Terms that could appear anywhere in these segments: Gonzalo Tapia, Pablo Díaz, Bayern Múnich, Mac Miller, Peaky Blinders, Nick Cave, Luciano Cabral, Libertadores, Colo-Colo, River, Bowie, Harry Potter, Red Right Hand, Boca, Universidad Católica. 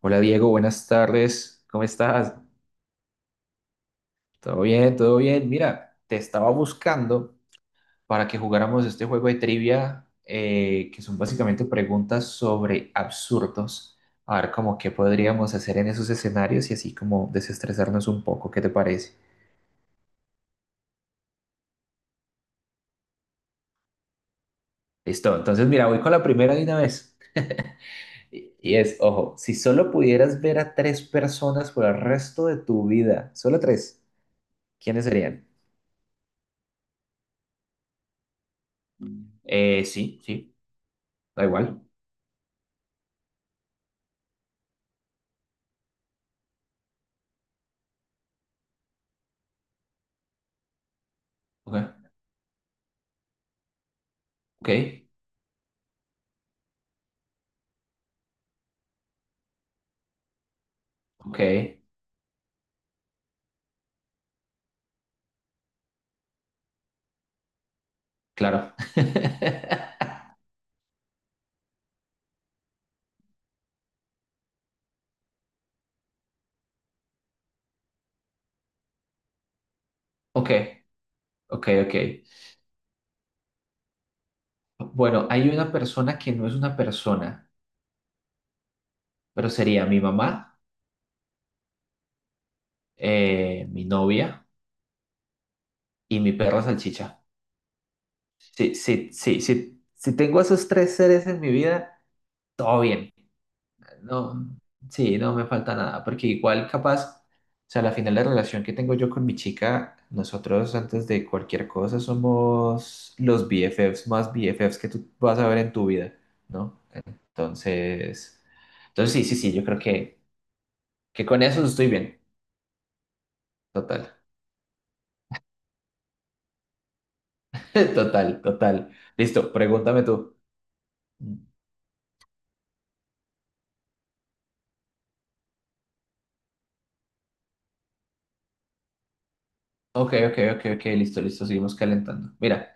Hola Diego, buenas tardes. ¿Cómo estás? ¿Todo bien? ¿Todo bien? Mira, te estaba buscando para que jugáramos este juego de trivia, que son básicamente preguntas sobre absurdos. A ver, como qué podríamos hacer en esos escenarios y así como desestresarnos un poco. ¿Qué te parece? Listo. Entonces, mira, voy con la primera de una vez. Y es, ojo, si solo pudieras ver a tres personas por el resto de tu vida, solo tres, ¿quiénes serían? Sí, sí, da igual. Ok. Ok, ok, claro. Ok, ok, ok. Bueno, hay una persona que no es una persona, pero sería mi mamá, mi novia y mi perra salchicha. Sí, sí, sí, sí. Si tengo esos tres seres en mi vida, todo bien. No, sí, no me falta nada, porque igual capaz, o sea, la final de relación que tengo yo con mi chica, nosotros antes de cualquier cosa somos los BFFs más BFFs que tú vas a ver en tu vida, ¿no? Entonces, entonces sí, sí, sí, yo creo que con eso estoy bien. Total, total, total. Listo, pregúntame tú. Ok, ok, ok, ok, listo, listo, seguimos calentando. Mira,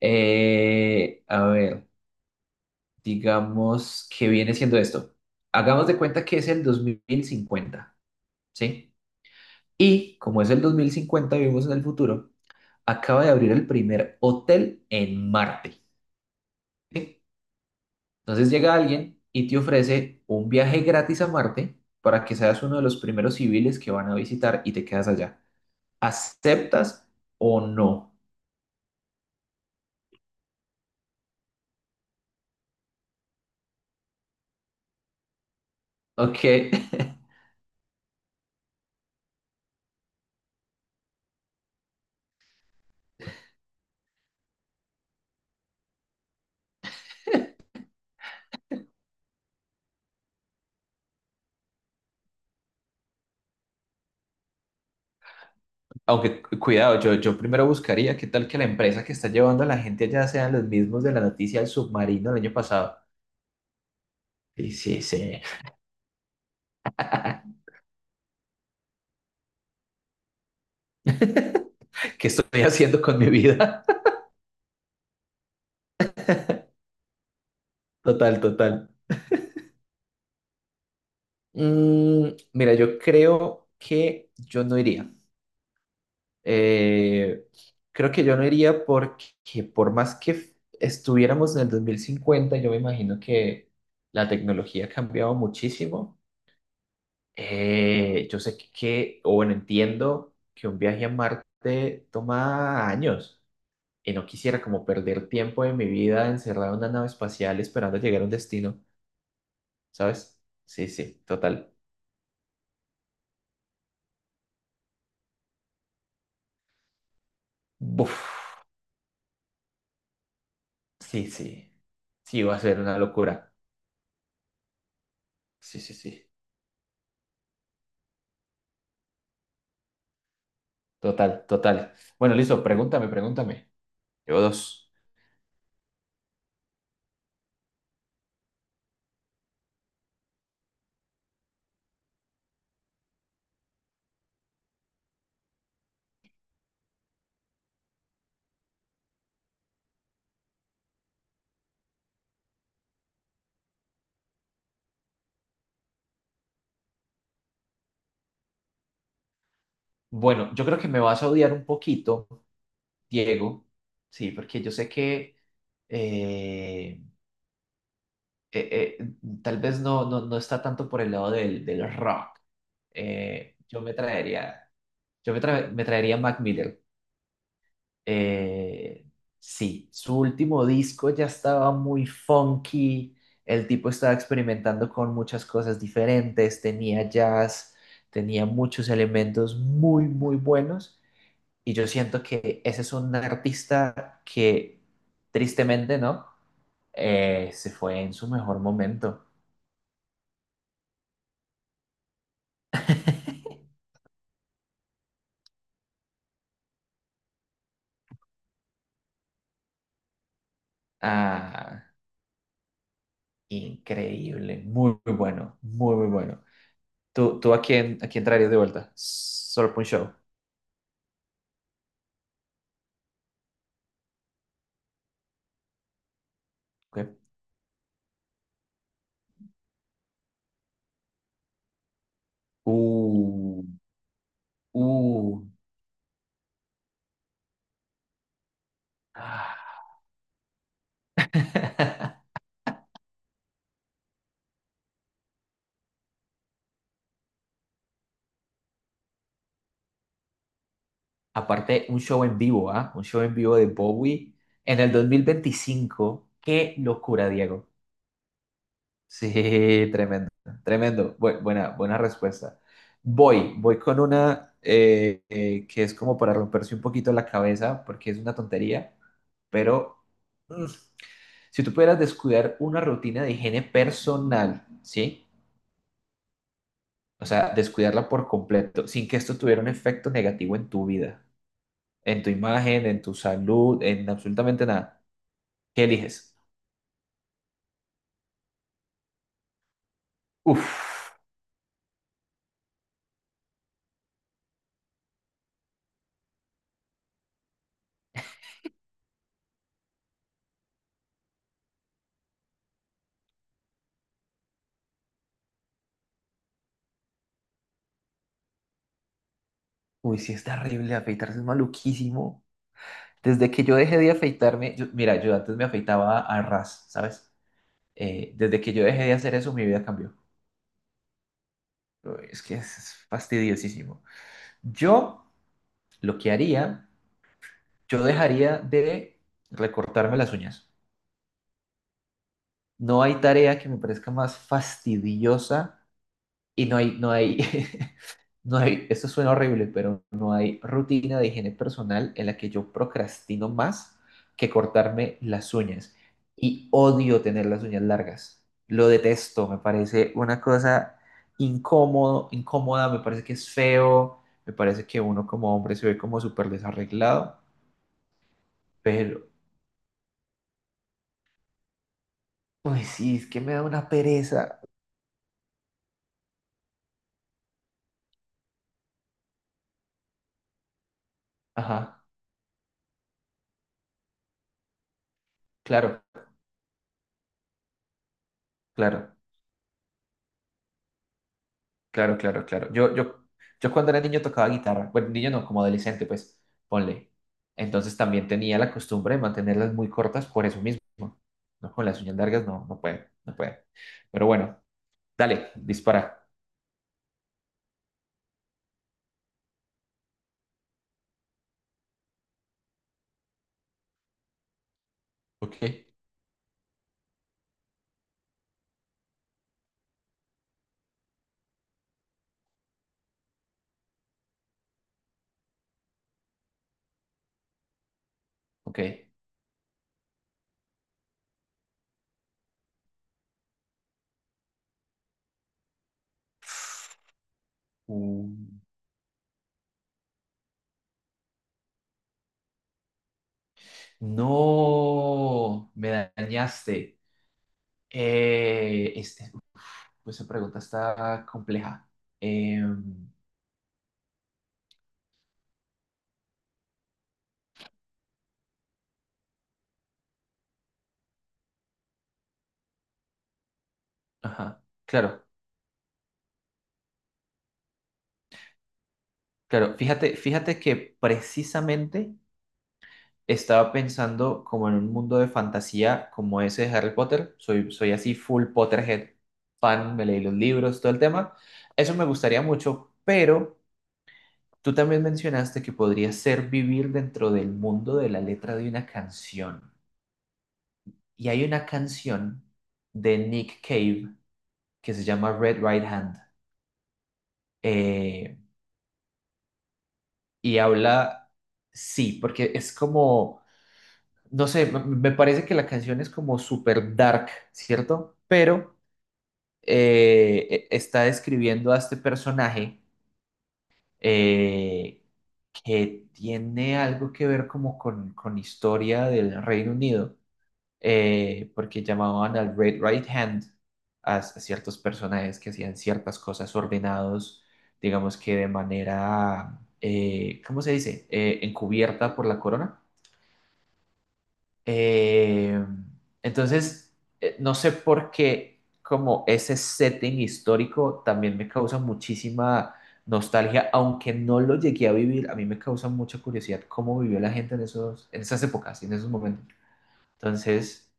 a ver, digamos que viene siendo esto. Hagamos de cuenta que es el 2050, ¿sí? Y como es el 2050, vivimos en el futuro, acaba de abrir el primer hotel en Marte. ¿Sí? Entonces llega alguien y te ofrece un viaje gratis a Marte para que seas uno de los primeros civiles que van a visitar y te quedas allá. ¿Aceptas o no? Ok. Aunque cuidado, yo primero buscaría qué tal que la empresa que está llevando a la gente allá sean los mismos de la noticia del submarino el año pasado. Sí, sí, sí. ¿Qué estoy haciendo con mi vida? Total, total. Mm, mira, yo creo que yo no iría. Eh, creo que yo no iría porque por más que estuviéramos en el 2050 yo me imagino que la tecnología ha cambiado muchísimo. Yo sé que, o bueno, entiendo que un viaje a Marte toma años y no quisiera como perder tiempo de mi vida encerrado en una nave espacial esperando llegar a un destino, ¿sabes? Sí, sí, total. Buf, sí, sí. Sí, va a ser una locura. Sí, sí, sí. Total, total. Bueno, listo, pregúntame, pregúntame. Llevo dos. Bueno, yo creo que me vas a odiar un poquito, Diego. Sí, porque yo sé que eh, eh, eh, tal vez no, no, no está tanto por el lado del, del rock. Yo me traería, me traería Mac Miller. Eh, sí, su último disco ya estaba muy funky, el tipo estaba experimentando con muchas cosas diferentes, tenía jazz, tenía muchos elementos muy, muy buenos, y yo siento que ese es un artista que tristemente, ¿no? Se fue en su mejor momento. Ah, increíble, muy, muy bueno, muy, muy bueno. Tú a quién traerías de vuelta? Solo por un show. ¿Ok? Uh, uh. Ah. Aparte, un show en vivo, ¿ah? Un show en vivo de Bowie en el 2025. ¡Qué locura, Diego! Sí, tremendo, tremendo. Buena, buena respuesta. Voy con una que es como para romperse un poquito la cabeza, porque es una tontería, pero mm, si tú pudieras descuidar una rutina de higiene personal, ¿sí? O sea, descuidarla por completo, sin que esto tuviera un efecto negativo en tu vida, en tu imagen, en tu salud, en absolutamente nada. ¿Qué eliges? Uf, uy, sí es terrible, afeitarse es maluquísimo. Desde que yo dejé de afeitarme, yo- mira, yo antes me afeitaba a ras, ¿sabes? Desde que yo dejé de hacer eso, mi vida cambió. Uy, es que es fastidiosísimo. Yo lo que haría, yo dejaría de recortarme las uñas. No hay tarea que me parezca más fastidiosa. Y no hay, no hay, esto suena horrible, pero no hay rutina de higiene personal en la que yo procrastino más que cortarme las uñas. Y odio tener las uñas largas. Lo detesto, me parece una cosa incómoda, me parece que es feo, me parece que uno como hombre se ve como súper desarreglado, pero, pues sí, es que me da una pereza. Ajá, claro, claro. Claro, claro, claro. Yo cuando era niño tocaba guitarra. Bueno, niño no, como adolescente, pues, ponle. Entonces también tenía la costumbre de mantenerlas muy cortas por eso mismo. No, con las uñas largas no, no puedo, no puedo. Pero bueno, dale, dispara. Ok. Ok. Uh, no, me dañaste. Eh, este, pues esa pregunta está compleja. Em, ajá, claro, claro. Fíjate, fíjate que precisamente estaba pensando como en un mundo de fantasía como ese de Harry Potter. Soy, soy así full Potterhead fan, me leí los libros, todo el tema. Eso me gustaría mucho, pero tú también mencionaste que podría ser vivir dentro del mundo de la letra de una canción. Y hay una canción de Nick Cave que se llama Red Right Hand. eh, y habla, sí, porque es como, no sé, me parece que la canción es como super dark, ¿cierto? Pero está describiendo a este personaje eh, que tiene algo que ver como con historia del Reino Unido, porque llamaban al Red Right Hand a, ciertos personajes que hacían ciertas cosas ordenados, digamos que de manera, ¿cómo se dice? Encubierta por la corona. Eh, entonces, no sé por qué como ese setting histórico también me causa muchísima nostalgia, aunque no lo llegué a vivir, a mí me causa mucha curiosidad cómo vivió la gente en esos, en esas épocas y en esos momentos. Entonces,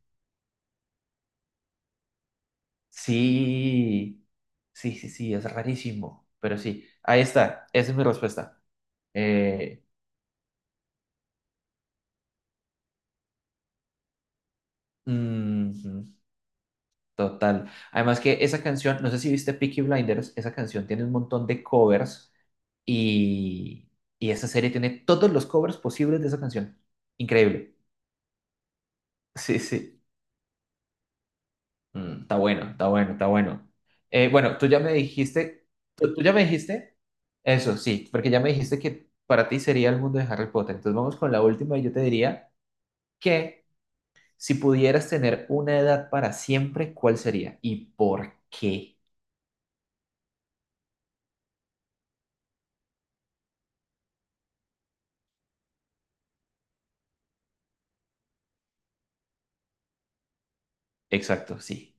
sí, sí, sí, sí, es rarísimo, pero sí, ahí está, esa es mi respuesta. Eh, Total. Además que esa canción, no sé si viste Peaky Blinders, esa canción tiene un montón de covers y, y esa serie tiene todos los covers posibles de esa canción. Increíble. Sí, sí. Mm, está bueno, está bueno, está bueno. Bueno, tú ya me dijiste, tú ya me dijiste, eso sí, porque ya me dijiste que para ti sería el mundo de Harry Potter. Entonces vamos con la última y yo te diría que si pudieras tener una edad para siempre, ¿cuál sería? ¿Y por qué? Exacto, sí,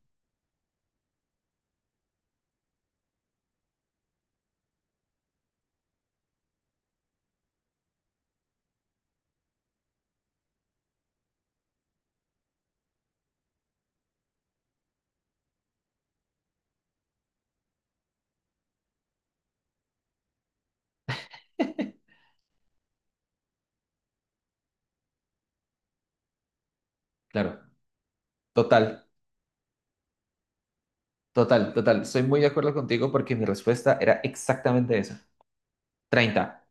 claro. Total. Total, total. Estoy muy de acuerdo contigo porque mi respuesta era exactamente esa. 30.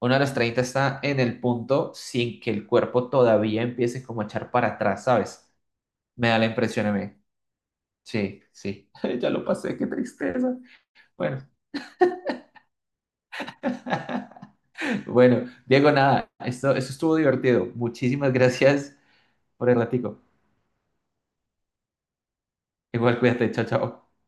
Una de las 30 está en el punto sin que el cuerpo todavía empiece como a echar para atrás, ¿sabes? Me da la impresión a mí. Sí, sí. Ya lo pasé, qué tristeza. Bueno. Bueno, Diego, nada, esto estuvo divertido. Muchísimas gracias por el ratico. Igual cuídate, chao, chao.